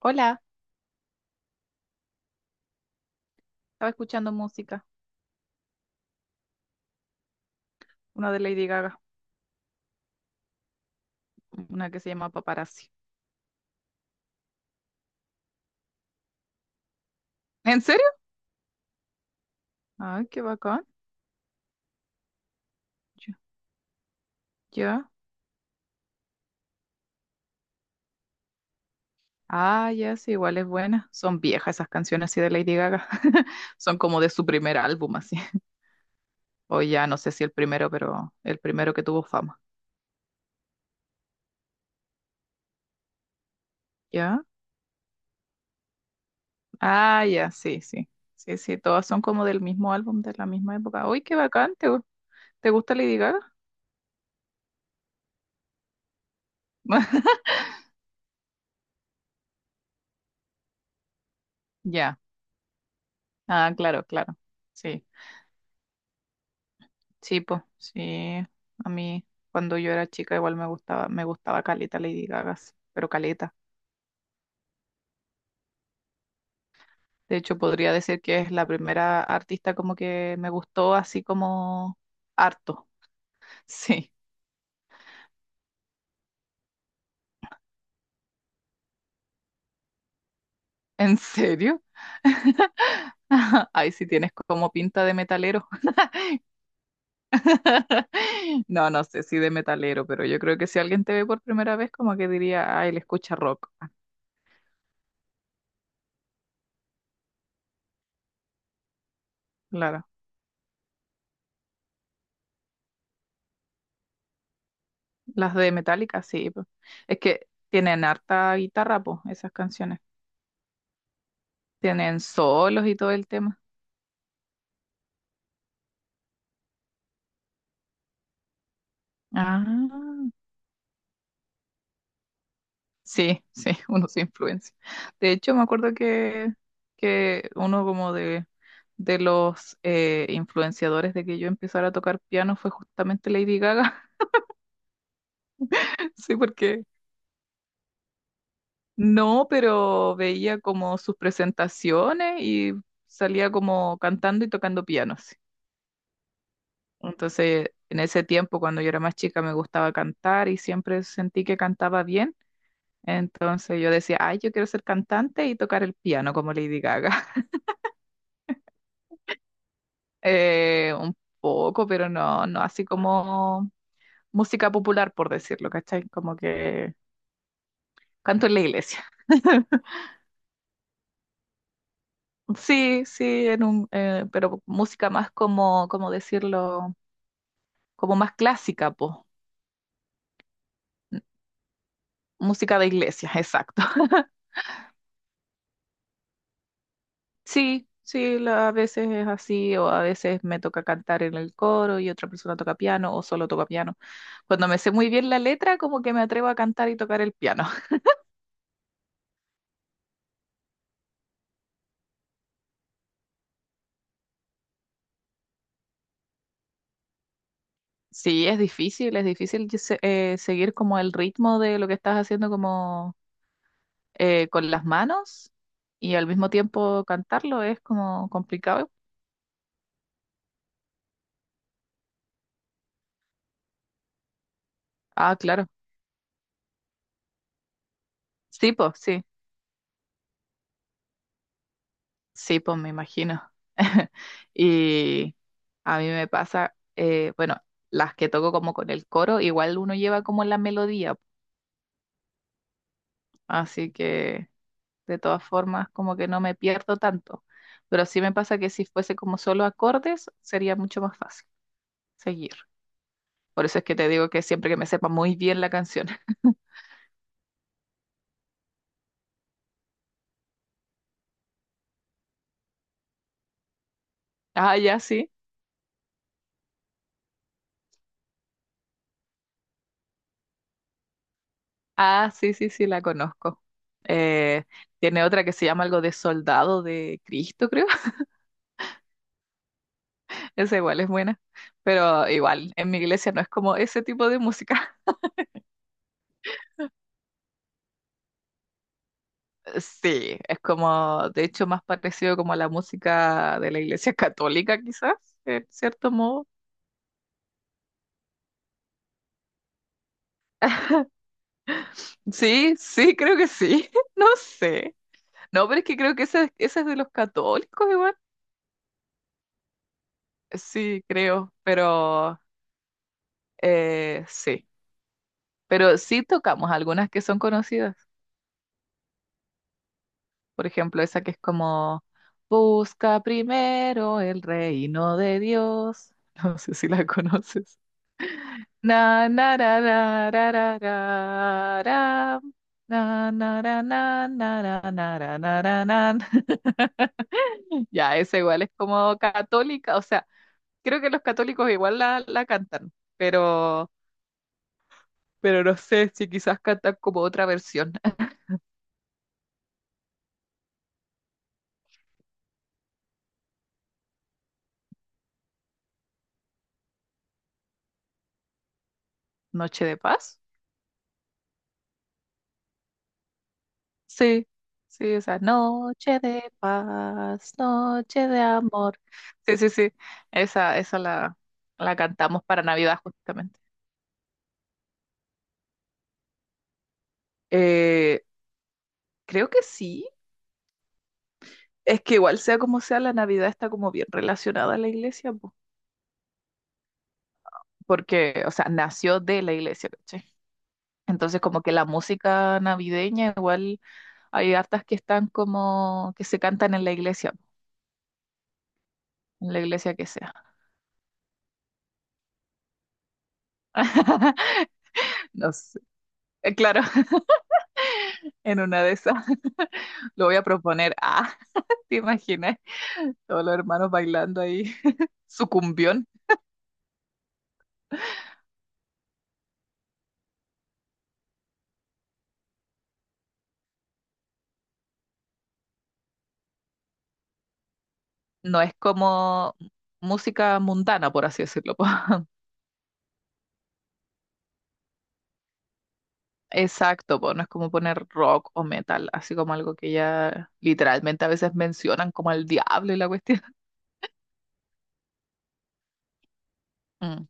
Hola, estaba escuchando música, una de Lady Gaga, una que se llama Paparazzi. ¿En serio? Ay, qué bacán. Ya. Ya. Ah, ya, sí, igual es buena. Son viejas esas canciones así de Lady Gaga. Son como de su primer álbum así. O ya, no sé si el primero, pero el primero que tuvo fama. ¿Ya? Ah, ya, sí, sí. Sí, sí, todas son como del mismo álbum, de la misma época. Uy, qué bacán. ¿Te gusta Lady Gaga? Ya. Ah, claro, claro. Sí. Sí, pues, sí. A mí, cuando yo era chica, igual me gustaba caleta Lady Gaga, sí, pero caleta. De hecho, podría decir que es la primera artista como que me gustó así como harto. Sí, ¿en serio? Ahí sí tienes como pinta de metalero. No, no sé si de metalero, pero yo creo que si alguien te ve por primera vez, como que diría, ah, él escucha rock. Claro. Las de Metallica, sí, po. Es que tienen harta guitarra, pues, esas canciones. Tienen solos y todo el tema. Ah, sí, sí, uno se influencia. De hecho, me acuerdo que uno como de los influenciadores de que yo empezara a tocar piano fue justamente Lady Gaga. Sí, porque no, pero veía como sus presentaciones y salía como cantando y tocando piano. Sí. Entonces, en ese tiempo, cuando yo era más chica, me gustaba cantar y siempre sentí que cantaba bien. Entonces yo decía, ay, yo quiero ser cantante y tocar el piano como Lady Gaga. Un poco, pero no, no así como música popular, por decirlo, ¿cachai? Como que canto en la iglesia. Sí, sí, pero música más como, como decirlo, como más clásica, pues. Música de iglesia, exacto. Sí, sí, a veces es así, o a veces me toca cantar en el coro y otra persona toca piano, o solo toca piano. Cuando me sé muy bien la letra, como que me atrevo a cantar y tocar el piano. Sí, es difícil que seguir como el ritmo de lo que estás haciendo como con las manos y al mismo tiempo cantarlo es como complicado. Ah, claro. Sí, pues, sí. Sí, pues me imagino. Y a mí me pasa, bueno, las que toco como con el coro, igual uno lleva como la melodía, así que de todas formas como que no me pierdo tanto. Pero sí me pasa que si fuese como solo acordes, sería mucho más fácil seguir. Por eso es que te digo que siempre que me sepa muy bien la canción. Ah, ya, sí. Ah, sí, sí, sí, la conozco. Eh, Tiene otra que se llama algo de Soldado de Cristo, creo. Esa igual es buena, pero igual, en mi iglesia no es como ese tipo de música. Sí, es como, de hecho, más parecido como a la música de la iglesia católica, quizás, en cierto modo. Sí, sí, creo que sí, no sé. No, pero es que creo que esa es de los católicos igual. Sí, creo, pero sí. Pero sí tocamos algunas que son conocidas. Por ejemplo, esa que es como, busca primero el reino de Dios. No sé si la conoces. Na, na, ra, ra, ra, ra, ra, ra. Na, na, ra, na, na, ra, na, ra, na, ra, na. Ya, esa igual es como católica, o sea, creo que los católicos igual la cantan, pero, no sé si quizás cantan como otra versión. Noche de paz. Sí, sí, esa noche de paz, noche de amor. Sí, sí, sí, esa la cantamos para Navidad justamente. Eh, Creo que sí, es que igual sea como sea, la Navidad está como bien relacionada a la iglesia, po, porque, o sea, nació de la iglesia, ¿cachai? Entonces como que la música navideña igual hay hartas que están como que se cantan en la iglesia, po, en la iglesia que sea. No sé, claro, en una de esas. Lo voy a proponer. Ah, ¿te imaginas? Todos los hermanos bailando ahí. Sucumbión. No es como música mundana, por así decirlo, po. Exacto, po. No es como poner rock o metal, así como algo que ya literalmente a veces mencionan como el diablo y la cuestión. Mm,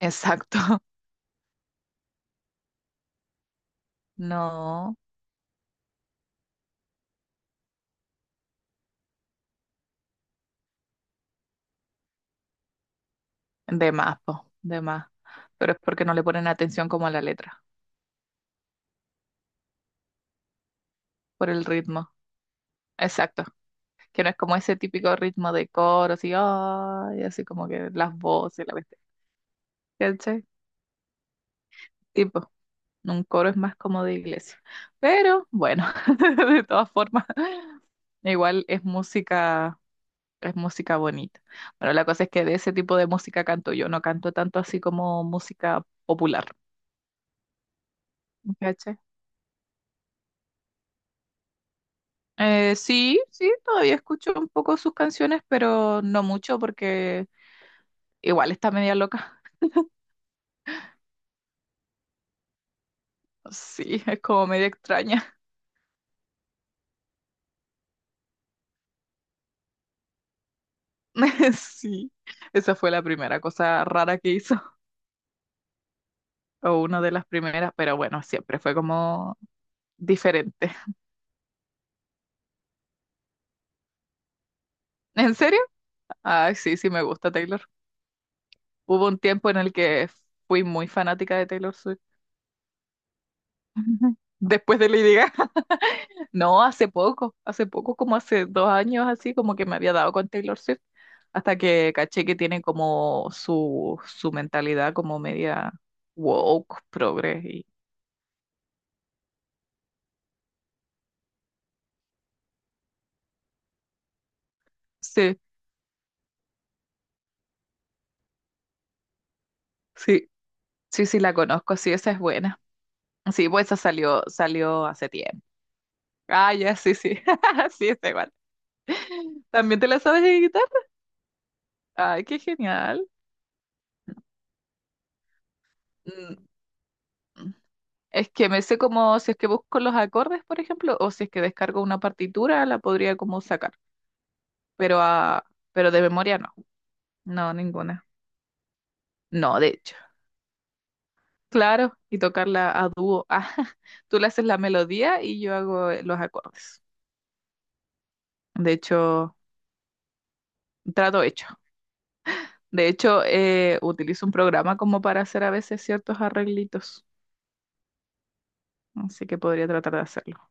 exacto. No. De más, po. De más. Pero es porque no le ponen atención como a la letra, por el ritmo. Exacto, que no es como ese típico ritmo de coro, así, "Ay", así como que las voces, la cuestión. ¿Cachai? Tipo, un coro es más como de iglesia. Pero bueno, de todas formas, igual es música bonita. Bueno, la cosa es que de ese tipo de música canto yo, no canto tanto así como música popular, ¿cachai? Sí, sí, todavía escucho un poco sus canciones, pero no mucho porque igual está media loca. Sí, es como media extraña. Sí, esa fue la primera cosa rara que hizo, o una de las primeras, pero bueno, siempre fue como diferente. ¿En serio? Ay, sí, sí me gusta Taylor. Hubo un tiempo en el que fui muy fanática de Taylor Swift. Después de Lady Gaga. No, hace poco, como hace 2 años así, como que me había dado con Taylor Swift, hasta que caché que tiene como su mentalidad como media woke, progre. Y... Sí, sí, sí, sí, la conozco, sí, esa es buena. Sí, pues esa salió, salió hace tiempo. Ah, ya, sí, sí. Sí, está igual. ¿También te la sabes de guitarra? Ay, qué genial. Mm, Es que me sé como si es que busco los acordes, por ejemplo, o si es que descargo una partitura, la podría como sacar. Pero ah, pero de memoria no. No, ninguna. No, de hecho. Claro, y tocarla a dúo. Ah, tú le haces la melodía y yo hago los acordes. De hecho, trato hecho. De hecho, utilizo un programa como para hacer a veces ciertos arreglitos. Así que podría tratar de hacerlo.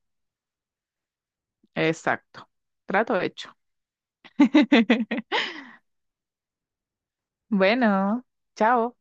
Exacto. Trato hecho. Bueno, chao.